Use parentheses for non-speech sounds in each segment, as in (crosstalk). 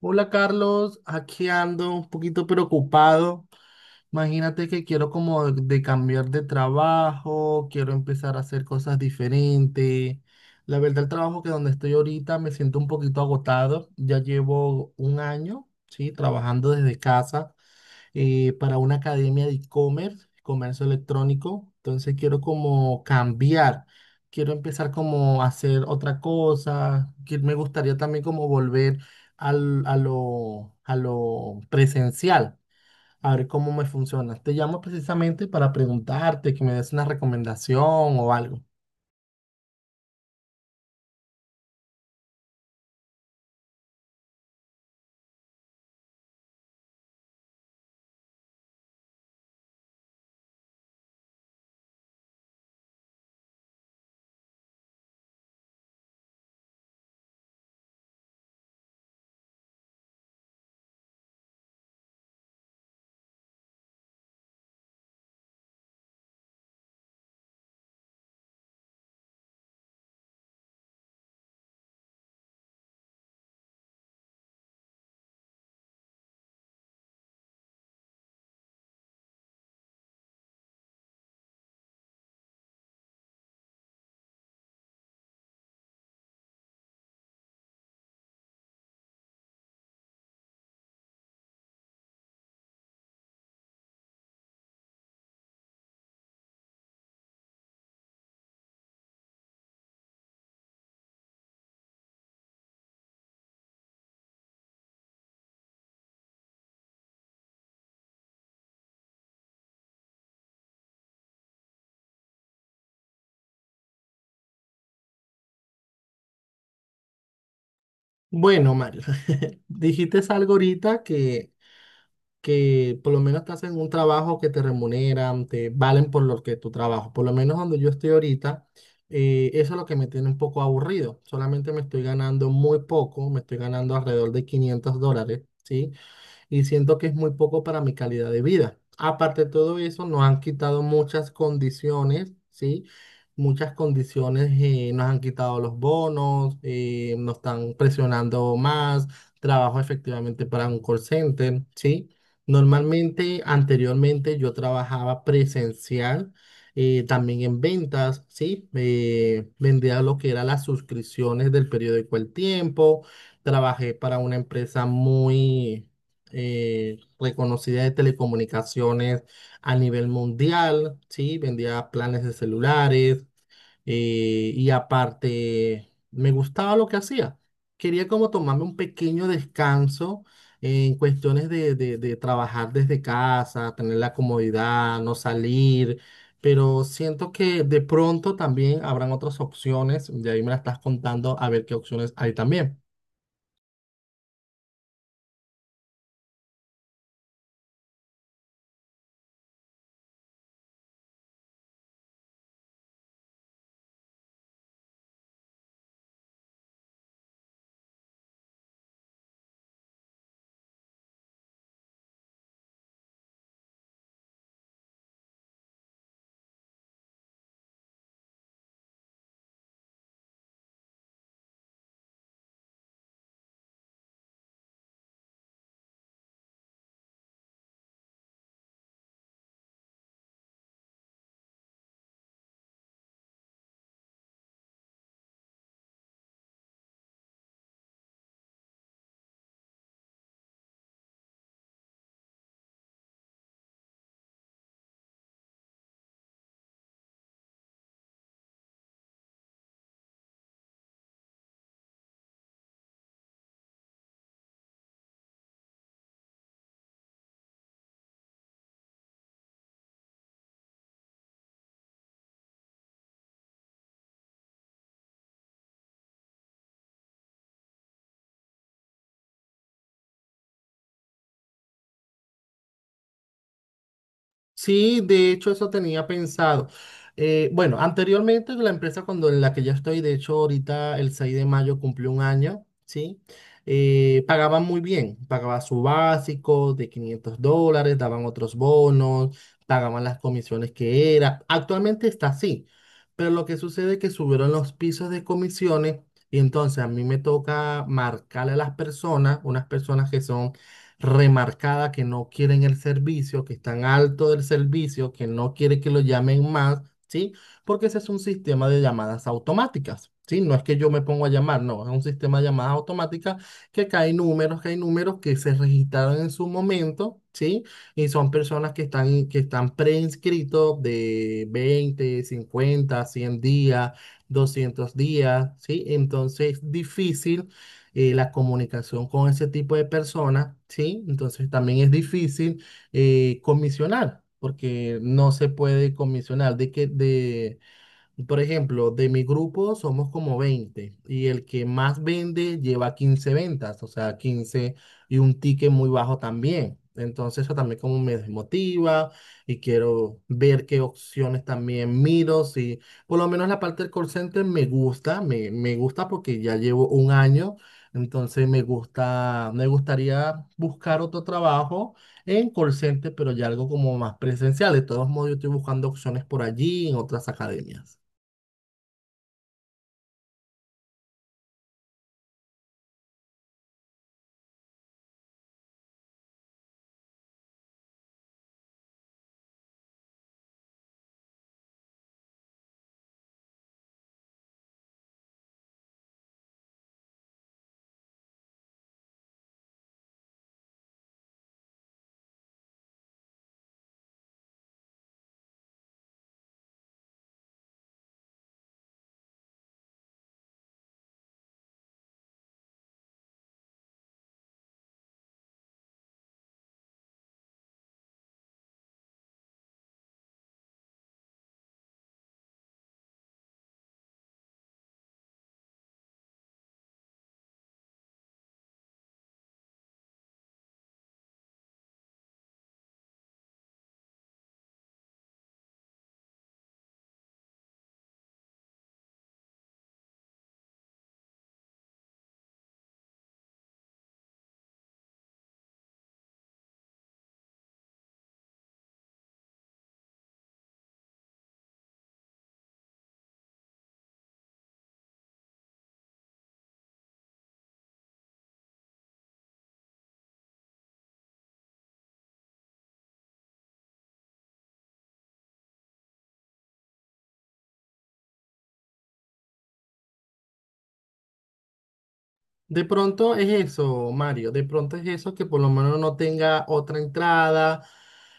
Hola Carlos, aquí ando un poquito preocupado. Imagínate que quiero como de cambiar de trabajo, quiero empezar a hacer cosas diferentes. La verdad, el trabajo que donde estoy ahorita me siento un poquito agotado. Ya llevo un año, sí, trabajando desde casa para una academia de e-commerce, comercio electrónico. Entonces quiero como cambiar, quiero empezar como a hacer otra cosa, que me gustaría también como volver a lo presencial, a ver cómo me funciona. Te llamo precisamente para preguntarte, que me des una recomendación o algo. Bueno, Mario, (laughs) dijiste algo ahorita que por lo menos te hacen un trabajo que te remuneran, te valen por lo que tu trabajo. Por lo menos donde yo estoy ahorita, eso es lo que me tiene un poco aburrido. Solamente me estoy ganando muy poco, me estoy ganando alrededor de $500, ¿sí? Y siento que es muy poco para mi calidad de vida. Aparte de todo eso, nos han quitado muchas condiciones, ¿sí? Muchas condiciones, nos han quitado los bonos, nos están presionando más, trabajo efectivamente para un call center, ¿sí? Normalmente, anteriormente yo trabajaba presencial, también en ventas, ¿sí? Vendía lo que eran las suscripciones del periódico El Tiempo, trabajé para una empresa muy reconocida de telecomunicaciones a nivel mundial, ¿sí? Vendía planes de celulares, y aparte me gustaba lo que hacía. Quería como tomarme un pequeño descanso en cuestiones de trabajar desde casa, tener la comodidad, no salir, pero siento que de pronto también habrán otras opciones, de ahí me la estás contando a ver qué opciones hay también. Sí, de hecho eso tenía pensado. Bueno, anteriormente la empresa cuando en la que ya estoy, de hecho ahorita el 6 de mayo cumplió un año, ¿sí? Pagaban muy bien, pagaba su básico de $500, daban otros bonos, pagaban las comisiones que era. Actualmente está así, pero lo que sucede es que subieron los pisos de comisiones y entonces a mí me toca marcarle a las personas, unas personas que son remarcada que no quieren el servicio, que están alto del servicio, que no quiere que lo llamen más, ¿sí? Porque ese es un sistema de llamadas automáticas, ¿sí? No es que yo me pongo a llamar, no, es un sistema de llamadas automáticas que cae números, que hay números que se registraron en su momento, ¿sí? Y son personas que están preinscritos de 20 50 100 días, 200 días, ¿sí? Entonces es difícil, la comunicación con ese tipo de personas, ¿sí? Entonces también es difícil, comisionar, porque no se puede comisionar de que, de por ejemplo, de mi grupo somos como 20 y el que más vende lleva 15 ventas, o sea, 15 y un ticket muy bajo también. Entonces eso también como me desmotiva y quiero ver qué opciones también miro. Si por lo menos la parte del call center me gusta, me gusta porque ya llevo un año, entonces me gusta, me gustaría buscar otro trabajo en call center, pero ya algo como más presencial. De todos modos, yo estoy buscando opciones por allí en otras academias. De pronto es eso, Mario, de pronto es eso que por lo menos no tenga otra entrada,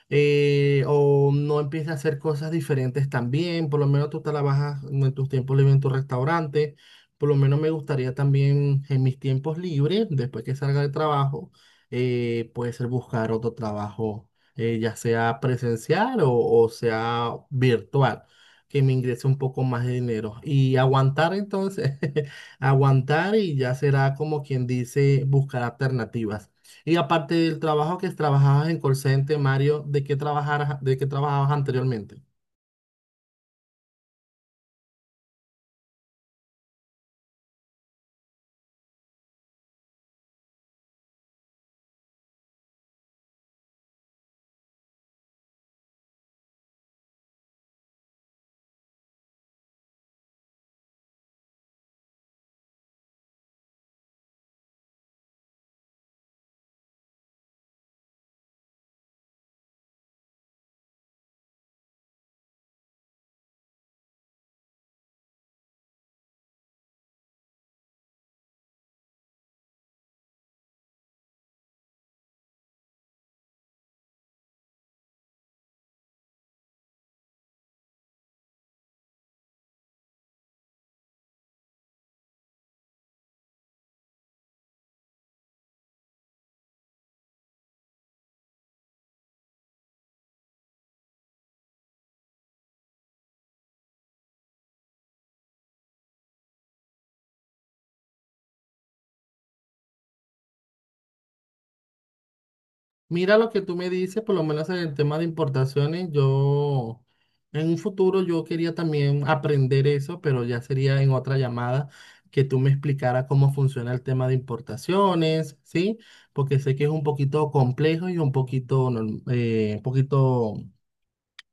o no empiece a hacer cosas diferentes también, por lo menos tú trabajas en tus tiempos libres en tu restaurante, por lo menos me gustaría también en mis tiempos libres, después que salga de trabajo, puede ser buscar otro trabajo, ya sea presencial o sea virtual, que me ingrese un poco más de dinero y aguantar entonces. (laughs) Aguantar y ya será como quien dice buscar alternativas. Y aparte del trabajo que trabajabas en call center, Mario, ¿de qué trabajar, de qué trabajabas anteriormente? Mira lo que tú me dices, por lo menos en el tema de importaciones, yo en un futuro yo quería también aprender eso, pero ya sería en otra llamada que tú me explicaras cómo funciona el tema de importaciones, ¿sí? Porque sé que es un poquito complejo y un poquito, un poquito,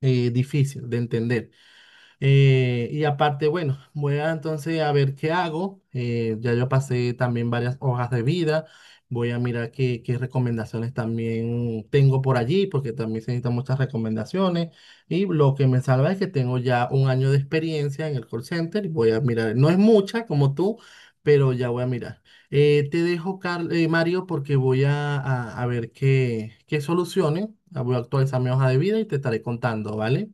difícil de entender. Y aparte, bueno, voy a entonces a ver qué hago. Ya yo pasé también varias hojas de vida. Voy a mirar qué recomendaciones también tengo por allí, porque también se necesitan muchas recomendaciones. Y lo que me salva es que tengo ya un año de experiencia en el call center, y voy a mirar, no es mucha como tú, pero ya voy a mirar. Te dejo, Mario, porque voy a ver qué, qué soluciones. Voy a actualizar mi hoja de vida y te estaré contando, ¿vale?